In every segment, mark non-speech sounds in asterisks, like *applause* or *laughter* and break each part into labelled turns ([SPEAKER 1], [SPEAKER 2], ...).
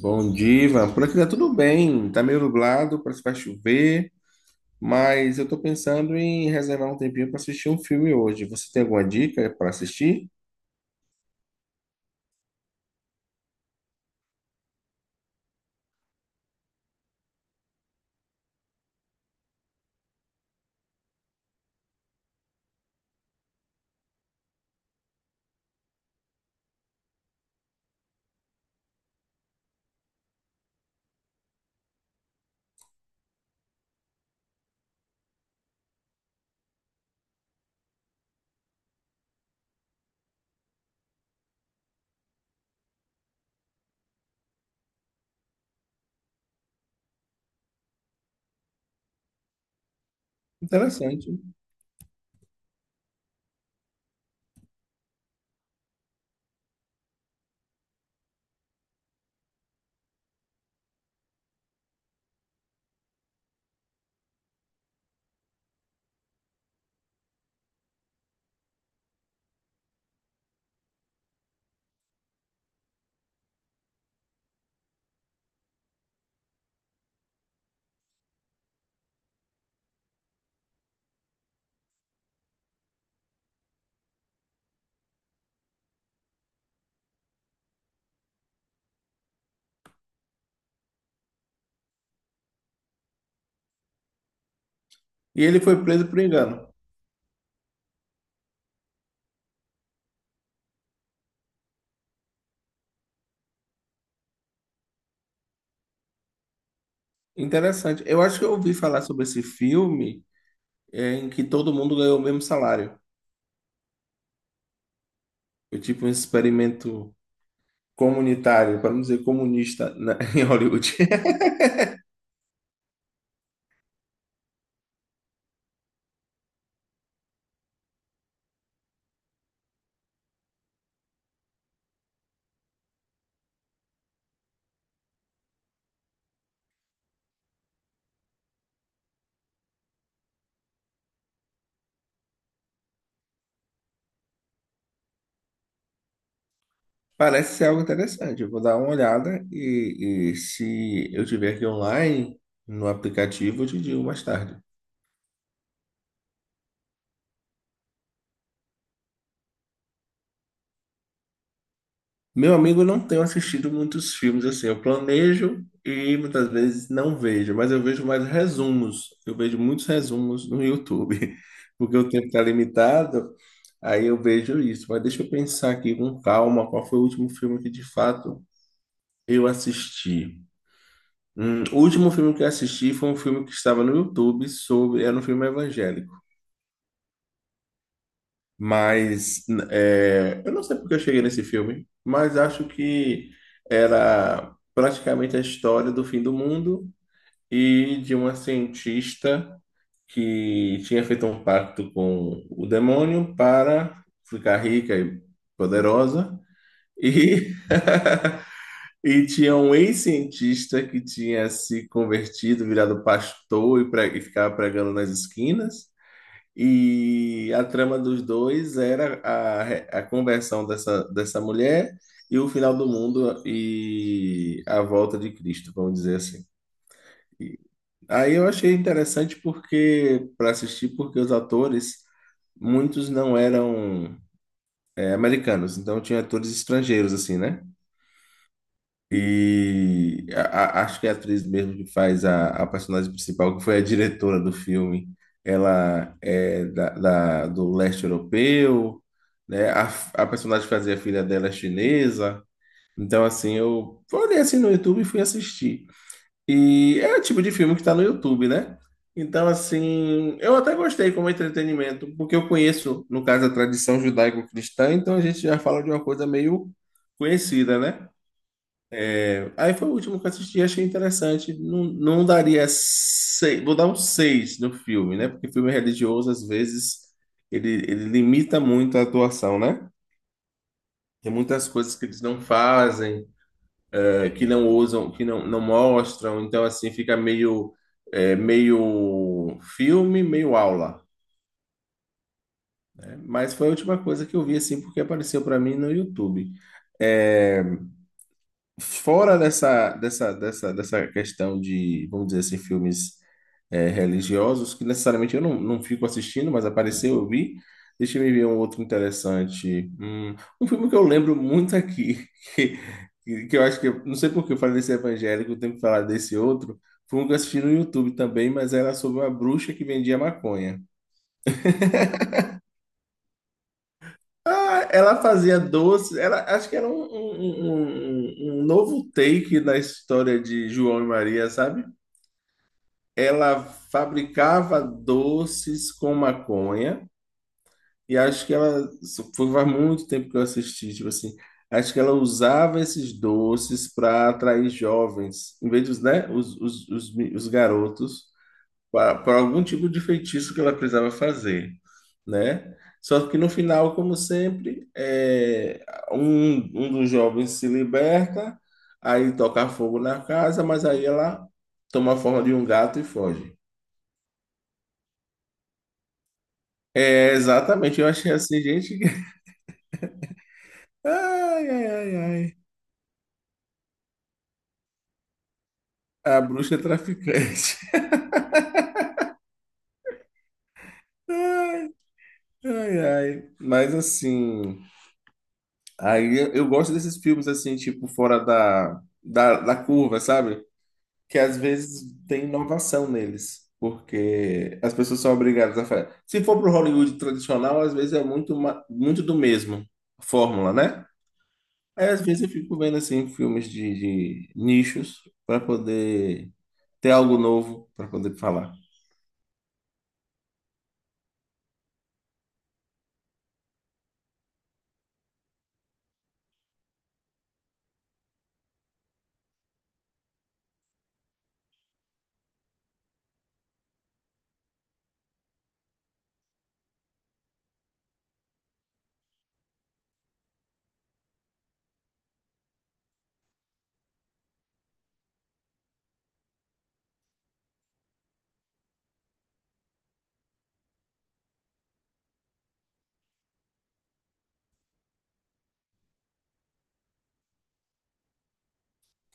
[SPEAKER 1] Bom dia, Ivan. Por aqui tá tudo bem. Tá meio nublado, parece que vai chover, mas eu tô pensando em reservar um tempinho para assistir um filme hoje. Você tem alguma dica para assistir? Interessante. E ele foi preso por engano. Interessante. Eu acho que eu ouvi falar sobre esse filme em que todo mundo ganhou o mesmo salário. Foi tipo um experimento comunitário, para não dizer comunista, *laughs* em Hollywood. Parece ser algo interessante. Eu vou dar uma olhada e se eu tiver aqui online no aplicativo, eu te digo mais tarde. Meu amigo, eu não tenho assistido muitos filmes assim. Eu planejo e muitas vezes não vejo, mas eu vejo mais resumos. Eu vejo muitos resumos no YouTube, *laughs* porque o tempo está limitado, aí eu vejo isso. Mas deixa eu pensar aqui com calma qual foi o último filme que de fato eu assisti. O último filme que eu assisti foi um filme que estava no YouTube sobre. Era um filme evangélico. Mas eu não sei porque eu cheguei nesse filme, mas acho que era praticamente a história do fim do mundo e de uma cientista que tinha feito um pacto com o demônio para ficar rica e poderosa. e E tinha um ex-cientista que tinha se convertido, virado pastor e ficava pregando nas esquinas. E a trama dos dois era a conversão dessa mulher e o final do mundo e a volta de Cristo, vamos dizer assim. E aí eu achei interessante porque para assistir, porque os atores, muitos não eram americanos, então tinha atores estrangeiros, assim, né? E acho que é a atriz mesmo que faz a personagem principal, que foi a diretora do filme, ela é do leste europeu, né? A personagem que fazia a filha dela é chinesa. Então, assim, eu olhei assim no YouTube e fui assistir. E é o tipo de filme que está no YouTube, né? Então, assim, eu até gostei como entretenimento, porque eu conheço, no caso, a tradição judaico-cristã, então a gente já fala de uma coisa meio conhecida, né? Aí foi o último que eu assisti, achei interessante. Não, não daria seis, vou dar um seis no filme, né? Porque filme religioso, às vezes, ele limita muito a atuação, né? Tem muitas coisas que eles não fazem, que não usam, que não mostram. Então, assim, fica meio, meio filme, meio aula. Né? Mas foi a última coisa que eu vi, assim, porque apareceu para mim no YouTube. É, fora dessa questão de, vamos dizer assim, filmes religiosos, que necessariamente eu não fico assistindo, mas apareceu, eu vi. Deixa eu ver um outro interessante. Um filme que eu lembro muito aqui, *laughs* que, que eu acho que, não sei por que eu falei desse evangélico, eu tenho que falar desse outro. Foi um que eu assisti no YouTube também, mas era sobre uma bruxa que vendia maconha. Ah, ela fazia doce, acho que era um novo take na história de João e Maria, sabe? Ela fabricava doces com maconha, e acho que isso foi faz muito tempo que eu assisti, tipo assim, acho que ela usava esses doces para atrair jovens, em vez dos, né, os garotos, para algum tipo de feitiço que ela precisava fazer, né? Só que no final, como sempre, um dos jovens se liberta, aí toca fogo na casa, mas aí ela toma a forma de um gato e foge. É, exatamente, eu achei assim, gente. *laughs* Ai, ai, ai, ai. A bruxa é traficante. *laughs* Ai, ai. Mas assim, aí eu gosto desses filmes assim, tipo, fora da curva, sabe? Que às vezes tem inovação neles. Porque as pessoas são obrigadas a fazer. Se for pro Hollywood tradicional, às vezes é muito do mesmo, a fórmula, né? Aí às vezes eu fico vendo assim filmes de nichos para poder ter algo novo para poder falar.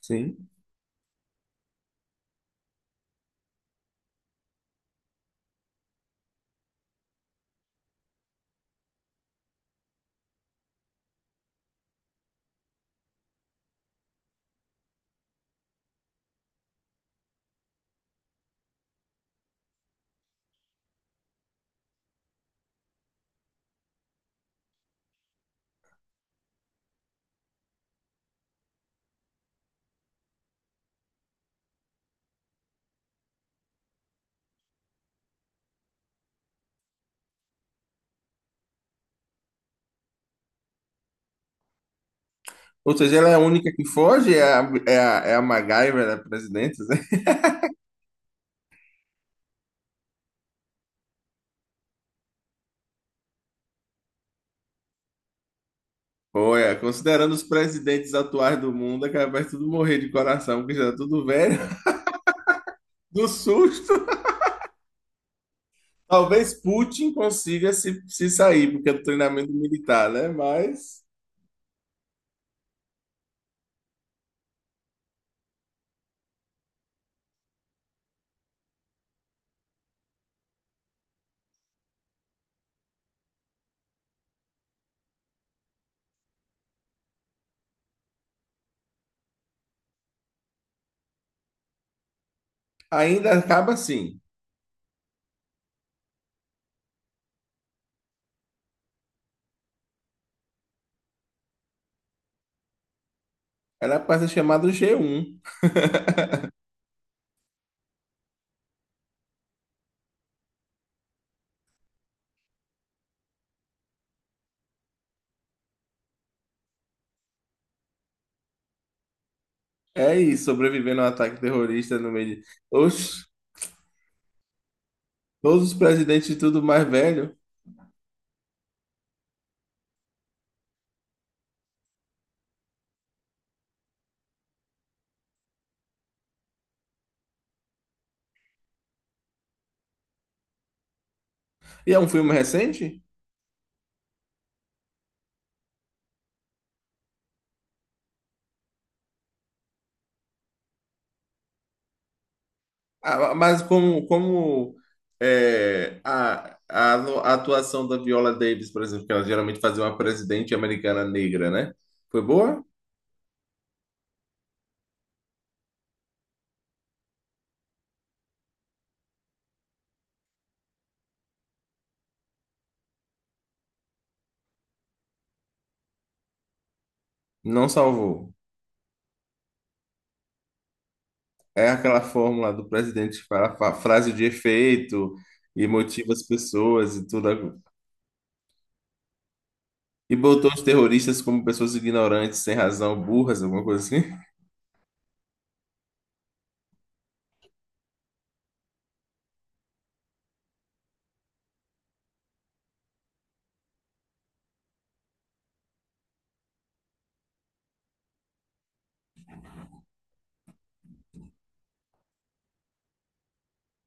[SPEAKER 1] Sim. Ou seja, ela é a única que foge? É a MacGyver, né? Presidente, né? *laughs* Pô, considerando os presidentes atuais do mundo, é capaz de tudo morrer de coração, porque já tá tudo velho, *laughs* do susto. Talvez Putin consiga se sair, porque é do treinamento militar, né? Mas ainda acaba assim. Ela passa chamada G1. *laughs* É isso, sobrevivendo a um ataque terrorista no meio de. Oxe, todos os presidentes e tudo mais velho. E é um filme recente? Ah, mas como é, a atuação da Viola Davis, por exemplo, que ela geralmente fazia uma presidente americana negra, né? Foi boa? Não salvou. É aquela fórmula do presidente que fala frase de efeito e motiva as pessoas e tudo. E botou os terroristas como pessoas ignorantes, sem razão, burras, alguma coisa assim.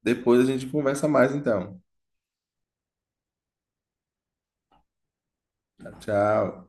[SPEAKER 1] Depois a gente conversa mais, então. Tchau.